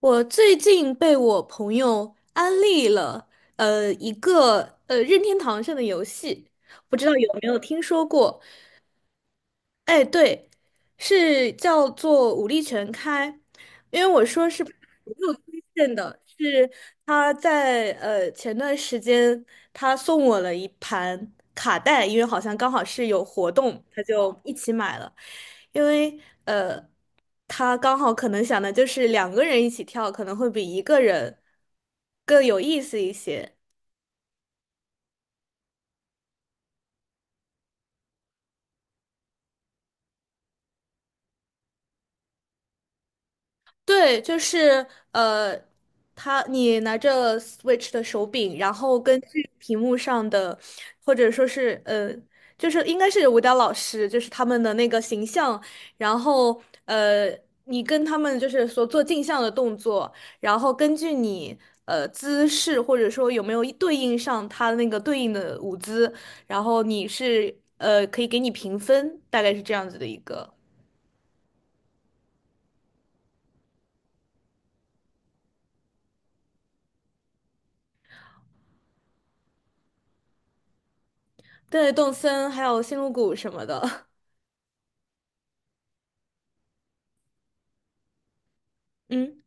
我最近被我朋友安利了，一个任天堂上的游戏，不知道有没有听说过？哎，对，是叫做武力全开，因为我说是没有推荐的，是他在前段时间他送我了一盘卡带，因为好像刚好是有活动，他就一起买了，因为呃他刚好可能想的就是两个人一起跳可能会比一个人更有意思一些。对，就是呃，他你拿着 Switch 的手柄，然后根据屏幕上的，或者说是就是应该是舞蹈老师，就是他们的那个形象，然后你跟他们就是所做镜像的动作，然后根据你姿势或者说有没有对应上他那个对应的舞姿，然后你是可以给你评分，大概是这样子的一个。对，动森还有星露谷什么的，嗯。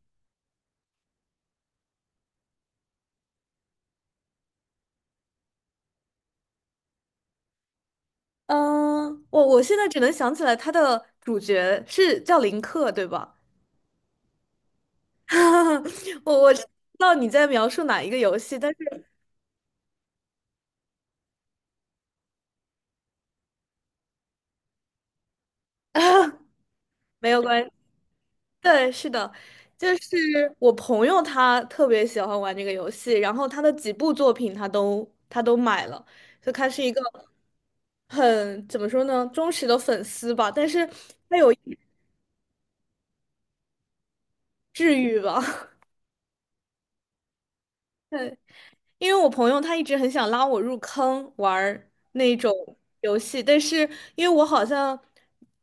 嗯，我现在只能想起来他的主角是叫林克，对吧？我知道你在描述哪一个游戏，但是 没有关系。对，是的，就是我朋友他特别喜欢玩这个游戏，然后他的几部作品他都买了，就他是一个很怎么说呢，忠实的粉丝吧，但是他有一治愈吧。对，因为我朋友他一直很想拉我入坑玩儿那种游戏，但是因为我好像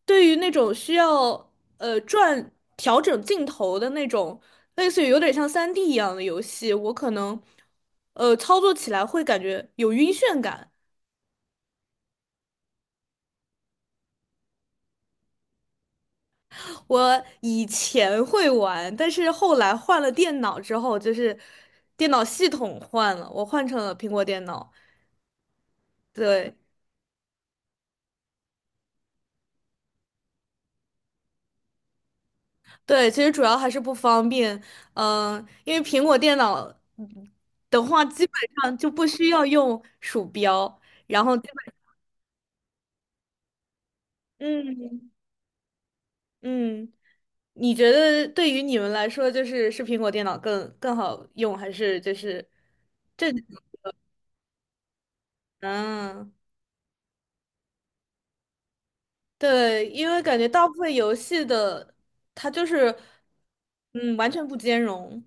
对于那种需要呃转调整镜头的那种，类似于有点像3D 一样的游戏，我可能操作起来会感觉有晕眩感。我以前会玩，但是后来换了电脑之后，就是电脑系统换了，我换成了苹果电脑，对。对，其实主要还是不方便，因为苹果电脑嗯的话，基本上就不需要用鼠标，然后基本，嗯嗯，你觉得对于你们来说，就是是苹果电脑更好用，还是就是这？嗯，对，因为感觉大部分游戏的它就是，嗯，完全不兼容。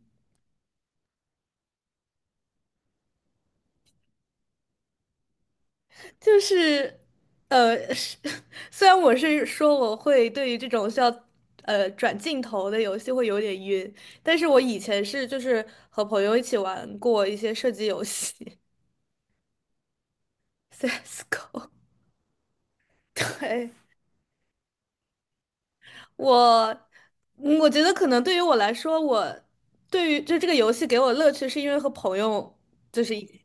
就是，是 虽然我是说我会对于这种需要转镜头的游戏会有点晕，但是我以前是就是和朋友一起玩过一些射击游戏，CS:GO 对，我，我觉得可能对于我来说，我对于就这个游戏给我乐趣，是因为和朋友就是一起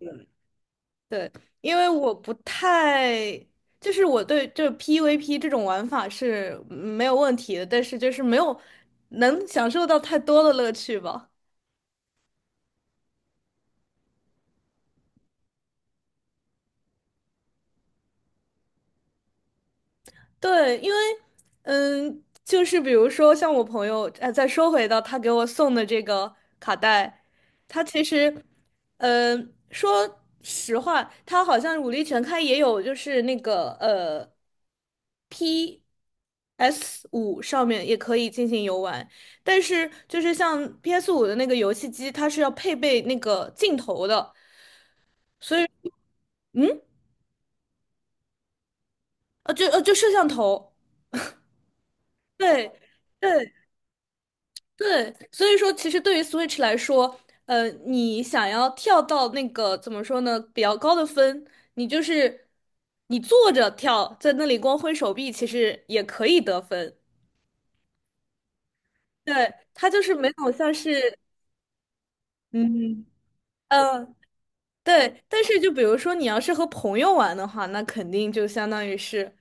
因为我不太，就是我对这 PVP 这种玩法是没有问题的，但是就是没有能享受到太多的乐趣吧。对，因为嗯，就是比如说像我朋友，再说回到他给我送的这个卡带，他其实，说实话，他好像武力全开也有，就是那个P S 五上面也可以进行游玩，但是就是像 P S 五的那个游戏机，它是要配备那个镜头的，所以嗯，就摄像头，对。对，对，所以说其实对于 Switch 来说，你想要跳到那个怎么说呢，比较高的分，你就是你坐着跳，在那里光挥手臂，其实也可以得分。对，它就是没有像是，嗯嗯，呃对。但是就比如说你要是和朋友玩的话，那肯定就相当于是。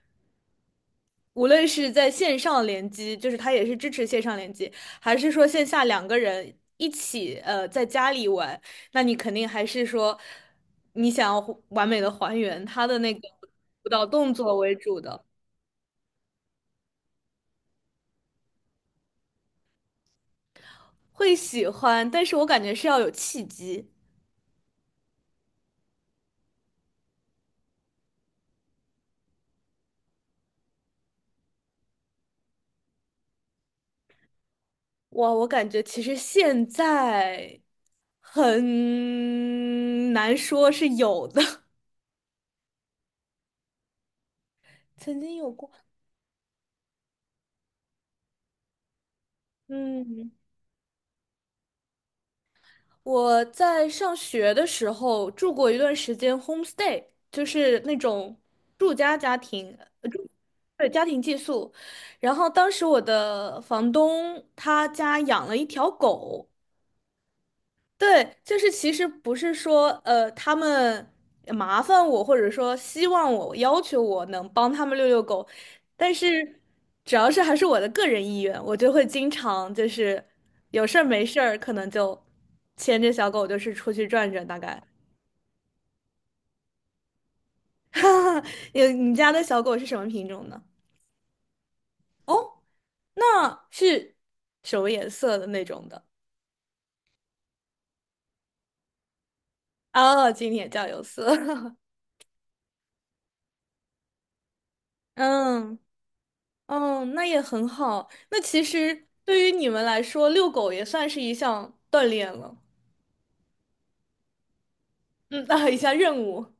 无论是在线上联机，就是它也是支持线上联机，还是说线下两个人一起在家里玩，那你肯定还是说你想要还完美的还原它的那个舞蹈动作为主的，会喜欢，但是我感觉是要有契机。哇，我感觉其实现在很难说是有的，曾经有过，嗯。我在上学的时候住过一段时间 homestay，就是那种住家家庭，呃住，对，家庭寄宿。然后当时我的房东他家养了一条狗，对，就是其实不是说他们麻烦我，或者说希望我、要求我能帮他们遛遛狗，但是只要是还是我的个人意愿，我就会经常就是有事儿没事儿，可能就牵着小狗就是出去转转，大概。有你家的小狗是什么品种呢？哦，那是什么颜色的那种的？哦，今天叫有色。嗯。嗯，那也很好。那其实对于你们来说，遛狗也算是一项锻炼了。嗯，啊，一项任务。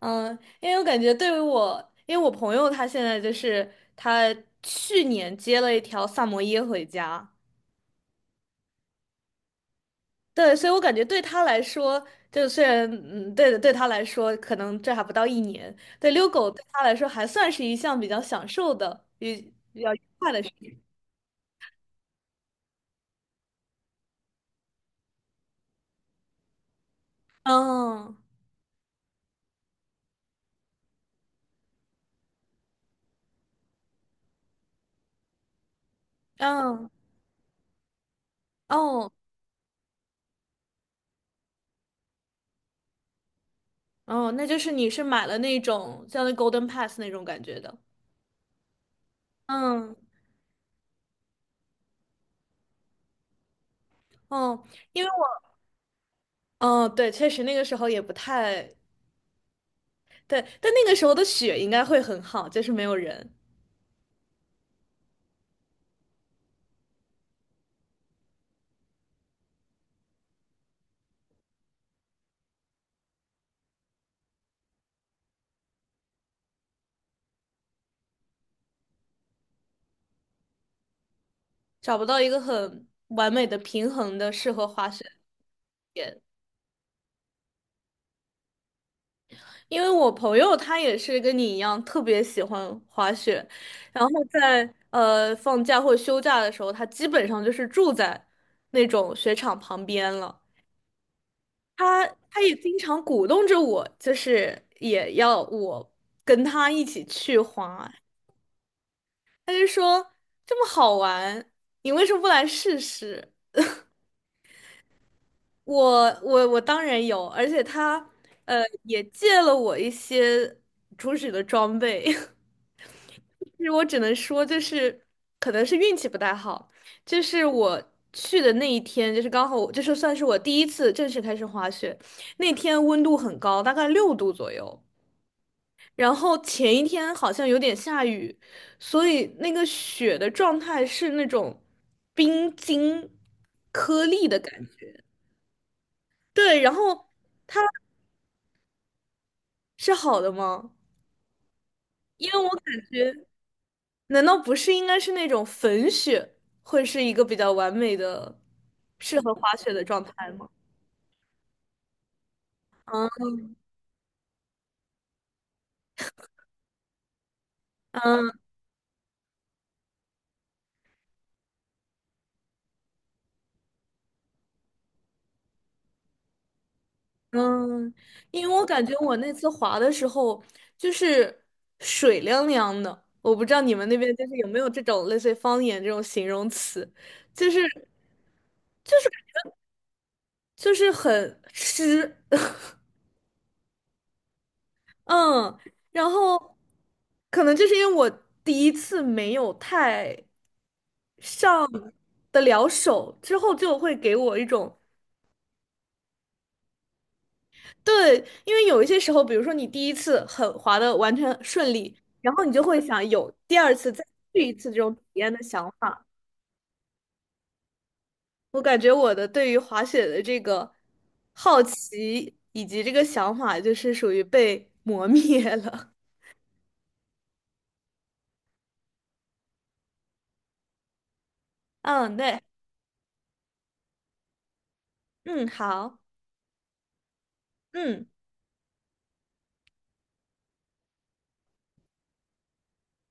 嗯，因为我感觉对于我，因为我朋友他现在就是他去年接了一条萨摩耶回家，对，所以我感觉对他来说，就虽然对的对他来说可能这还不到一年，对，遛狗对他来说还算是一项比较享受的、比较愉快的事情。嗯嗯哦。哦，那就是你是买了那种像那 Golden Pass 那种感觉的。嗯，哦，因为我，哦，对，确实那个时候也不太对，但那个时候的雪应该会很好，就是没有人，找不到一个很完美的平衡的适合滑雪点。因为我朋友他也是跟你一样特别喜欢滑雪，然后在放假或休假的时候，他基本上就是住在那种雪场旁边了。他也经常鼓动着我，就是也要我跟他一起去滑。他就说这么好玩，你为什么不来试试？我当然有，而且他也借了我一些初始的装备。其实我只能说，就是可能是运气不太好，就是我去的那一天，就是刚好我，就是算是我第一次正式开始滑雪，那天温度很高，大概6度左右。然后前一天好像有点下雨，所以那个雪的状态是那种冰晶颗粒的感觉。对，然后是好的吗？因为我感觉，难道不是应该是那种粉雪会是一个比较完美的适合滑雪的状态吗？嗯嗯。嗯，因为我感觉我那次滑的时候，就是水凉凉的，我不知道你们那边就是有没有这种类似于方言这种形容词，就是就是很湿，嗯，然后可能就是因为我第一次没有太上得了手，之后就会给我一种对，因为有一些时候，比如说你第一次很滑的完全顺利，然后你就会想有第二次再去一次这种体验的想法。我感觉我的对于滑雪的这个好奇以及这个想法，就是属于被磨灭了。嗯，对，嗯，好，嗯。